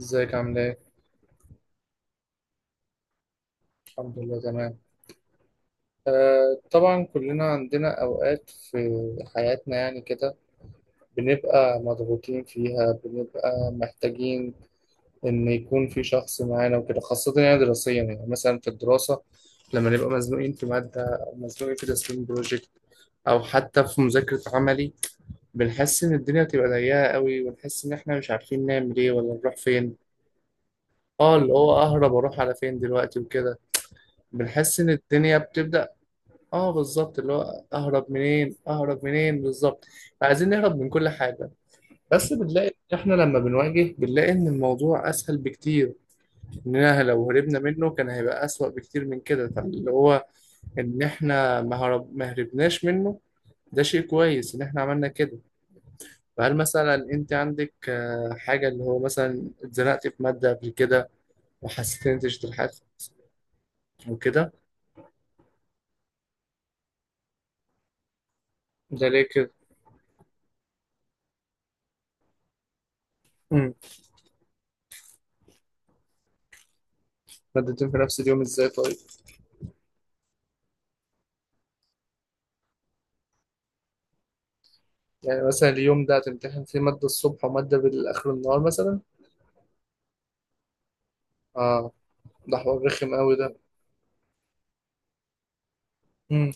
ازيك عامل ايه؟ الحمد لله تمام. آه، طبعا كلنا عندنا اوقات في حياتنا يعني كده بنبقى مضغوطين فيها، بنبقى محتاجين ان يكون في شخص معانا وكده، خاصة يعني دراسيا، يعني مثلا في الدراسة لما نبقى مزنوقين في مادة او مزنوقين في تسليم بروجكت او حتى في مذاكرة عملي. بنحس ان الدنيا بتبقى ضيقة قوي، ونحس ان احنا مش عارفين نعمل ايه ولا نروح فين. اه، اللي هو اهرب اروح على فين دلوقتي وكده. بنحس ان الدنيا بتبدأ. اه بالظبط، اللي هو اهرب منين اهرب منين بالظبط. عايزين نهرب من كل حاجه، بس بنلاقي احنا لما بنواجه بنلاقي ان الموضوع اسهل بكتير. اننا لو هربنا منه كان هيبقى اسوأ بكتير من كده، فاللي هو ان احنا ما هربناش منه ده شيء كويس ان احنا عملنا كده. فهل مثلا انت عندك حاجه اللي هو مثلا اتزنقت في ماده قبل كده وحسيت ان انت اجتهدت وكده؟ ده ليه كده؟ امم. مادتين في نفس اليوم ازاي طيب؟ يعني مثلا اليوم ده هتمتحن فيه مادة الصبح ومادة بالآخر النهار مثلا؟ اه، ده حوار رخم قوي ده. امم.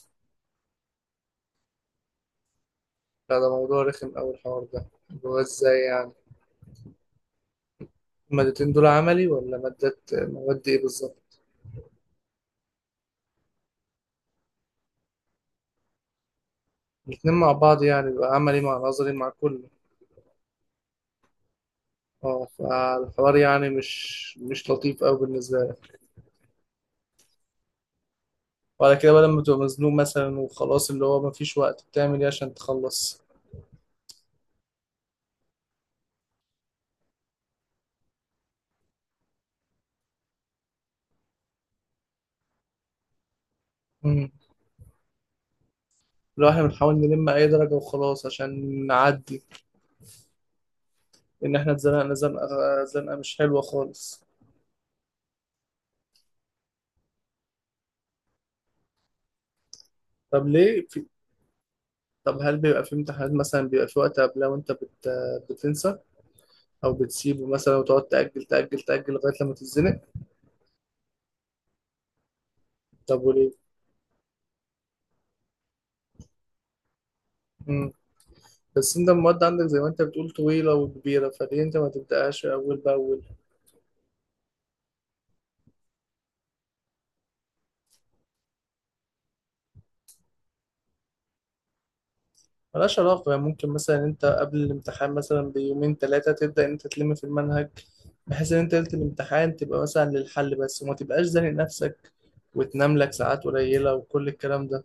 لا ده موضوع رخم قوي الحوار ده، اللي هو ازاي يعني؟ المادتين دول عملي ولا مادة مواد ايه بالظبط؟ الاتنين مع بعض يعني، بيبقى عملي مع نظري مع كله؟ اه، فالحوار يعني مش لطيف قوي بالنسبة لك. وعلى كده بقى لما تبقى مزنوق مثلا وخلاص اللي هو مفيش وقت، بتعمل ايه عشان تخلص؟ امم. لو احنا بنحاول نلم اي درجة وخلاص عشان نعدي، ان احنا اتزنقنا زنقه، زنقه مش حلوه خالص. طب ليه طب هل بيبقى في امتحانات مثلا بيبقى في وقت قبلها وانت بتنسى، او بتسيبه مثلا وتقعد تاجل تاجل تاجل لغايه لما تتزنق؟ طب وليه؟ مم. بس انت المواد عندك زي ما انت بتقول طويله وكبيره، فليه انت ما تبداهاش اول باول؟ ملهاش علاقه، يعني ممكن مثلا انت قبل الامتحان مثلا بيومين ثلاثه تبدا انت تلم في المنهج، بحيث ان انت ليله الامتحان تبقى مثلا للحل بس وما تبقاش زانق نفسك وتنام لك ساعات قليله وكل الكلام ده.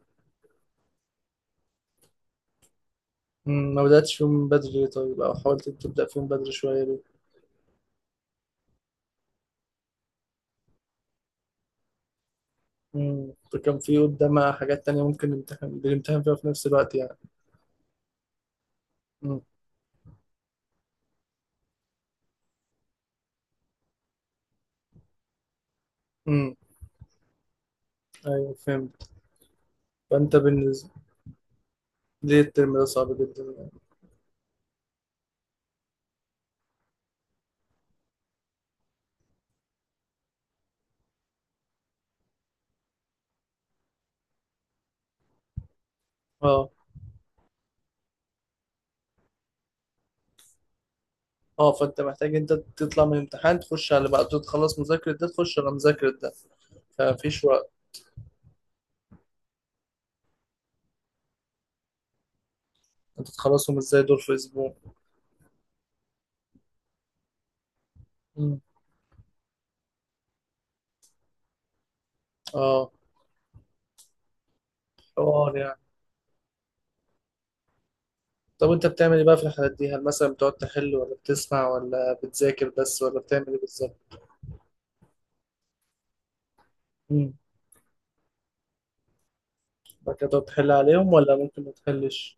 ما بدأتش فيهم من بدري ليه؟ طيب أو حاولت تبدأ فيهم بدري شوية ليه؟ فكان في قدامها حاجات تانية ممكن نمتحن بنمتحن فيها في نفس الوقت يعني. مم، مم، أيوه فهمت. فأنت بالنسبة ليه الترم ده صعب جدا يعني؟ أه. أه، فأنت محتاج أنت تطلع من الامتحان تخش على اللي بعده، تخلص مذاكرة ده تخش على مذاكرة ده، فمفيش وقت. أنت تخلصهم إزاي دول في أسبوع؟ مم، أه. حوار يعني. طب أنت بتعمل إيه بقى في الحالات دي؟ هل مثلا بتقعد تحل ولا بتسمع ولا بتذاكر بس ولا بتعمل إيه بالظبط؟ كده تحل عليهم ولا ممكن ما تحلش؟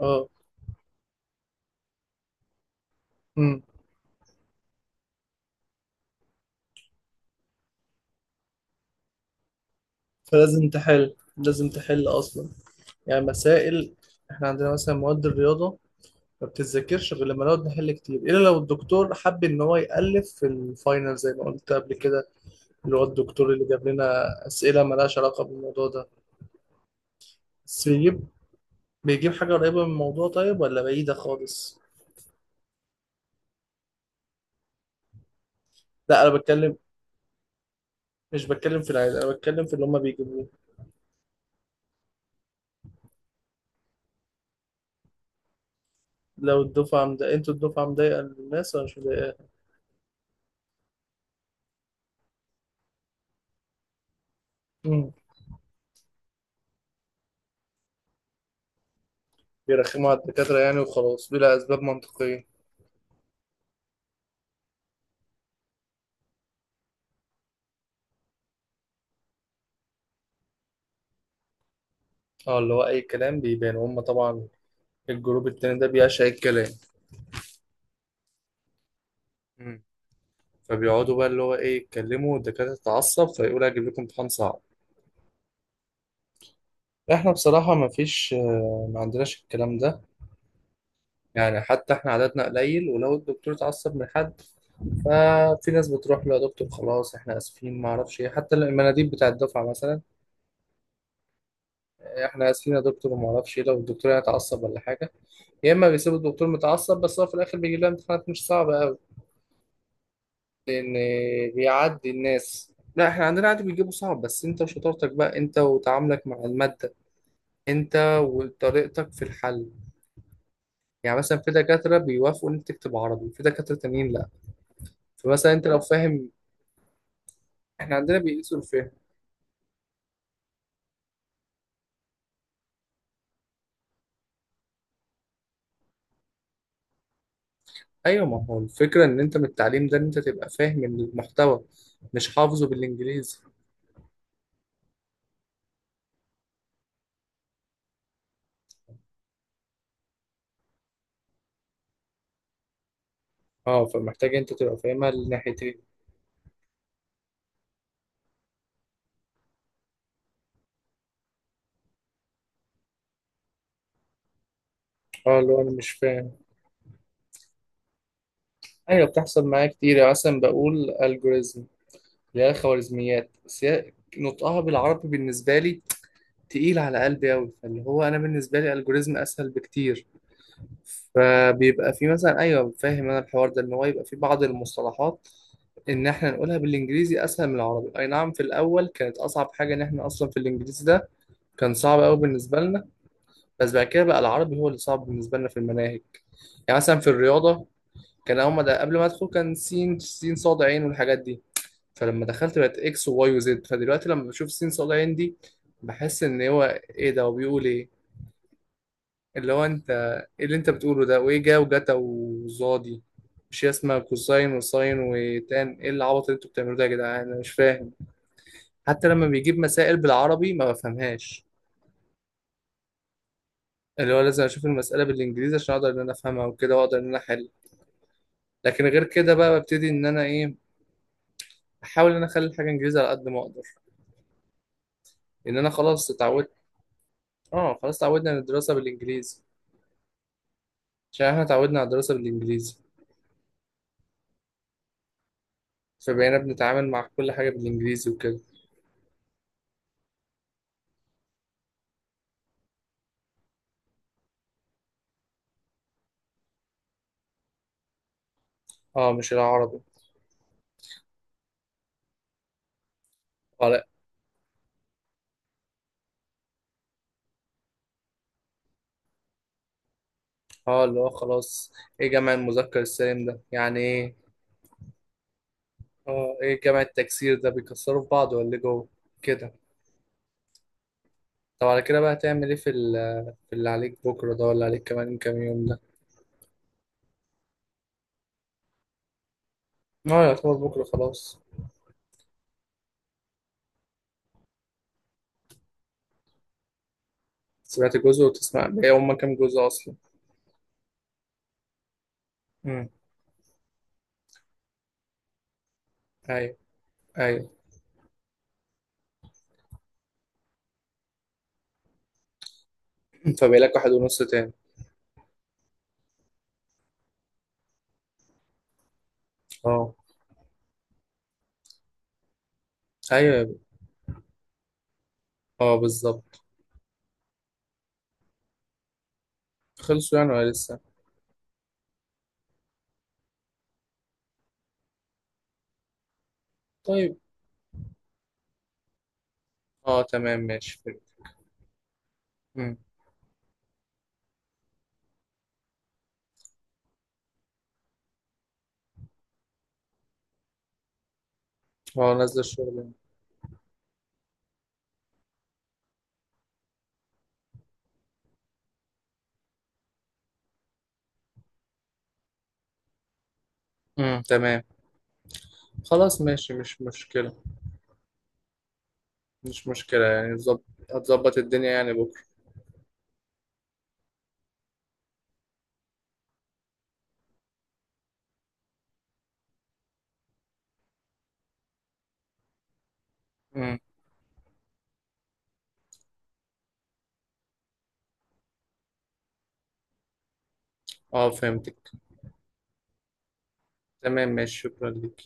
اه. امم. فلازم تحل، لازم تحل اصلا. يعني مسائل. احنا عندنا مثلا مواد الرياضة ما بتتذاكرش غير لما نقعد نحل كتير، الا لو الدكتور حب ان هو يألف في الفاينل زي ما قلت قبل كده، اللي هو الدكتور اللي جاب لنا اسئلة مالهاش علاقة بالموضوع ده. بس بيجيب حاجة قريبة من الموضوع طيب، ولا بعيدة خالص؟ لا انا بتكلم، مش بتكلم في العيد، انا بتكلم في اللي هما بيجيبوه. لو الدفعة مضايقة، انتوا الدفعة مضايقة الناس ولا مش مضايقاها؟ بيرخموا على الدكاترة يعني وخلاص، بلا أسباب منطقية؟ اه، اللي هو أي كلام بيبان، وهم طبعا الجروب التاني ده بيعشق الكلام. مم. فبيقعدوا بقى اللي هو إيه، يتكلموا والدكاترة تتعصب فيقول هجيب لكم امتحان صعب. احنا بصراحة ما فيش آه، ما عندناش الكلام ده. يعني حتى احنا عددنا قليل، ولو الدكتور اتعصب من حد ففي ناس بتروح له يا دكتور خلاص احنا اسفين ما اعرفش ايه، حتى المناديب بتاع الدفعة مثلا، احنا اسفين يا دكتور وما اعرفش ايه، لو الدكتور يعني اتعصب ولا حاجة. يا اما بيسيبوا الدكتور متعصب، بس هو في الاخر بيجيب لها امتحانات مش صعبه قوي لان بيعدي الناس. لا احنا عندنا عادي بيجيبوا صعب، بس انت وشطارتك بقى، انت وتعاملك مع الماده، انت وطريقتك في الحل. يعني مثلا في دكاتره بيوافقوا ان انت تكتب عربي، في دكاتره تانيين لا. فمثلا انت لو فاهم، احنا عندنا بيقيسوا الفهم. ايوه، ما هو الفكره ان انت من التعليم ده ان انت تبقى فاهم المحتوى، مش حافظه بالانجليزي. اه، فمحتاج انت تبقى فاهمها الناحيتين. اه اللي هو انا مش فاهم. ايوه بتحصل معايا كتير، يعني مثلا بقول الجوريزم اللي هي الخوارزميات، بس هي نطقها بالعربي بالنسبه لي تقيل على قلبي قوي، فاللي هو انا بالنسبه لي الجوريزم اسهل بكتير. فبيبقى في مثلا، ايوه فاهم انا الحوار ده، ان هو يبقى في بعض المصطلحات ان احنا نقولها بالانجليزي اسهل من العربي. اي نعم في الاول كانت اصعب حاجه ان احنا اصلا في الانجليزي ده، كان صعب قوي بالنسبه لنا، بس بعد كده بقى العربي هو اللي صعب بالنسبه لنا في المناهج. يعني مثلا في الرياضه، كان هما ده قبل ما ادخل كان سين سين صاد عين والحاجات دي، فلما دخلت بقت اكس وواي وزد، فدلوقتي لما بشوف سين صاد عين دي بحس ان هو ايه ده وبيقول ايه. اللي هو انت، ايه اللي انت بتقوله ده؟ وايه جا وجتا وزادي؟ مش هي اسمها كوساين وساين وتان؟ ايه العبط اللي انتوا بتعملوه ده يا جدعان؟ انا مش فاهم. حتى لما بيجيب مسائل بالعربي ما بفهمهاش، اللي هو لازم اشوف المسألة بالانجليزي عشان اقدر ان انا افهمها وكده، واقدر ان انا احل. لكن غير كده بقى ببتدي ان انا ايه، احاول ان انا اخلي الحاجة انجليزي على قد ما اقدر، ان انا خلاص اتعودت. اه خلاص اتعودنا على الدراسه بالانجليزي. عشان احنا اتعودنا على الدراسه بالانجليزي، فبقينا بنتعامل مع كل حاجه بالانجليزي وكده. اه مش العربي. اه لا. اه اللي هو خلاص، ايه جمع المذكر السالم ده يعني ايه. اه ايه جمع التكسير ده، بيكسروا في بعض ولا إيه جوه كده؟ طب على كده بقى هتعمل ايه في في اللي عليك بكره ده، ولا عليك كمان كام يوم ده؟ اه يعتبر بكره خلاص. سمعت جزء وتسمع، بقى هما كام جزء اصلا؟ امم. ايوه، ايوه. فبقى لك واحد ونص تاني. اه ايوه. اه بالظبط. خلصوا يعني ولا لسه؟ طيب. اه تمام ماشي فهمت. امم. هو نازل الشغل؟ امم، تمام. خلاص ماشي مش مشكلة. مش مشكلة يعني، ظبط. هتظبط الدنيا يعني بكرة. امم. اه فهمتك. تمام ماشي، شكرا ليك.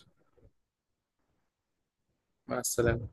مع السلامة.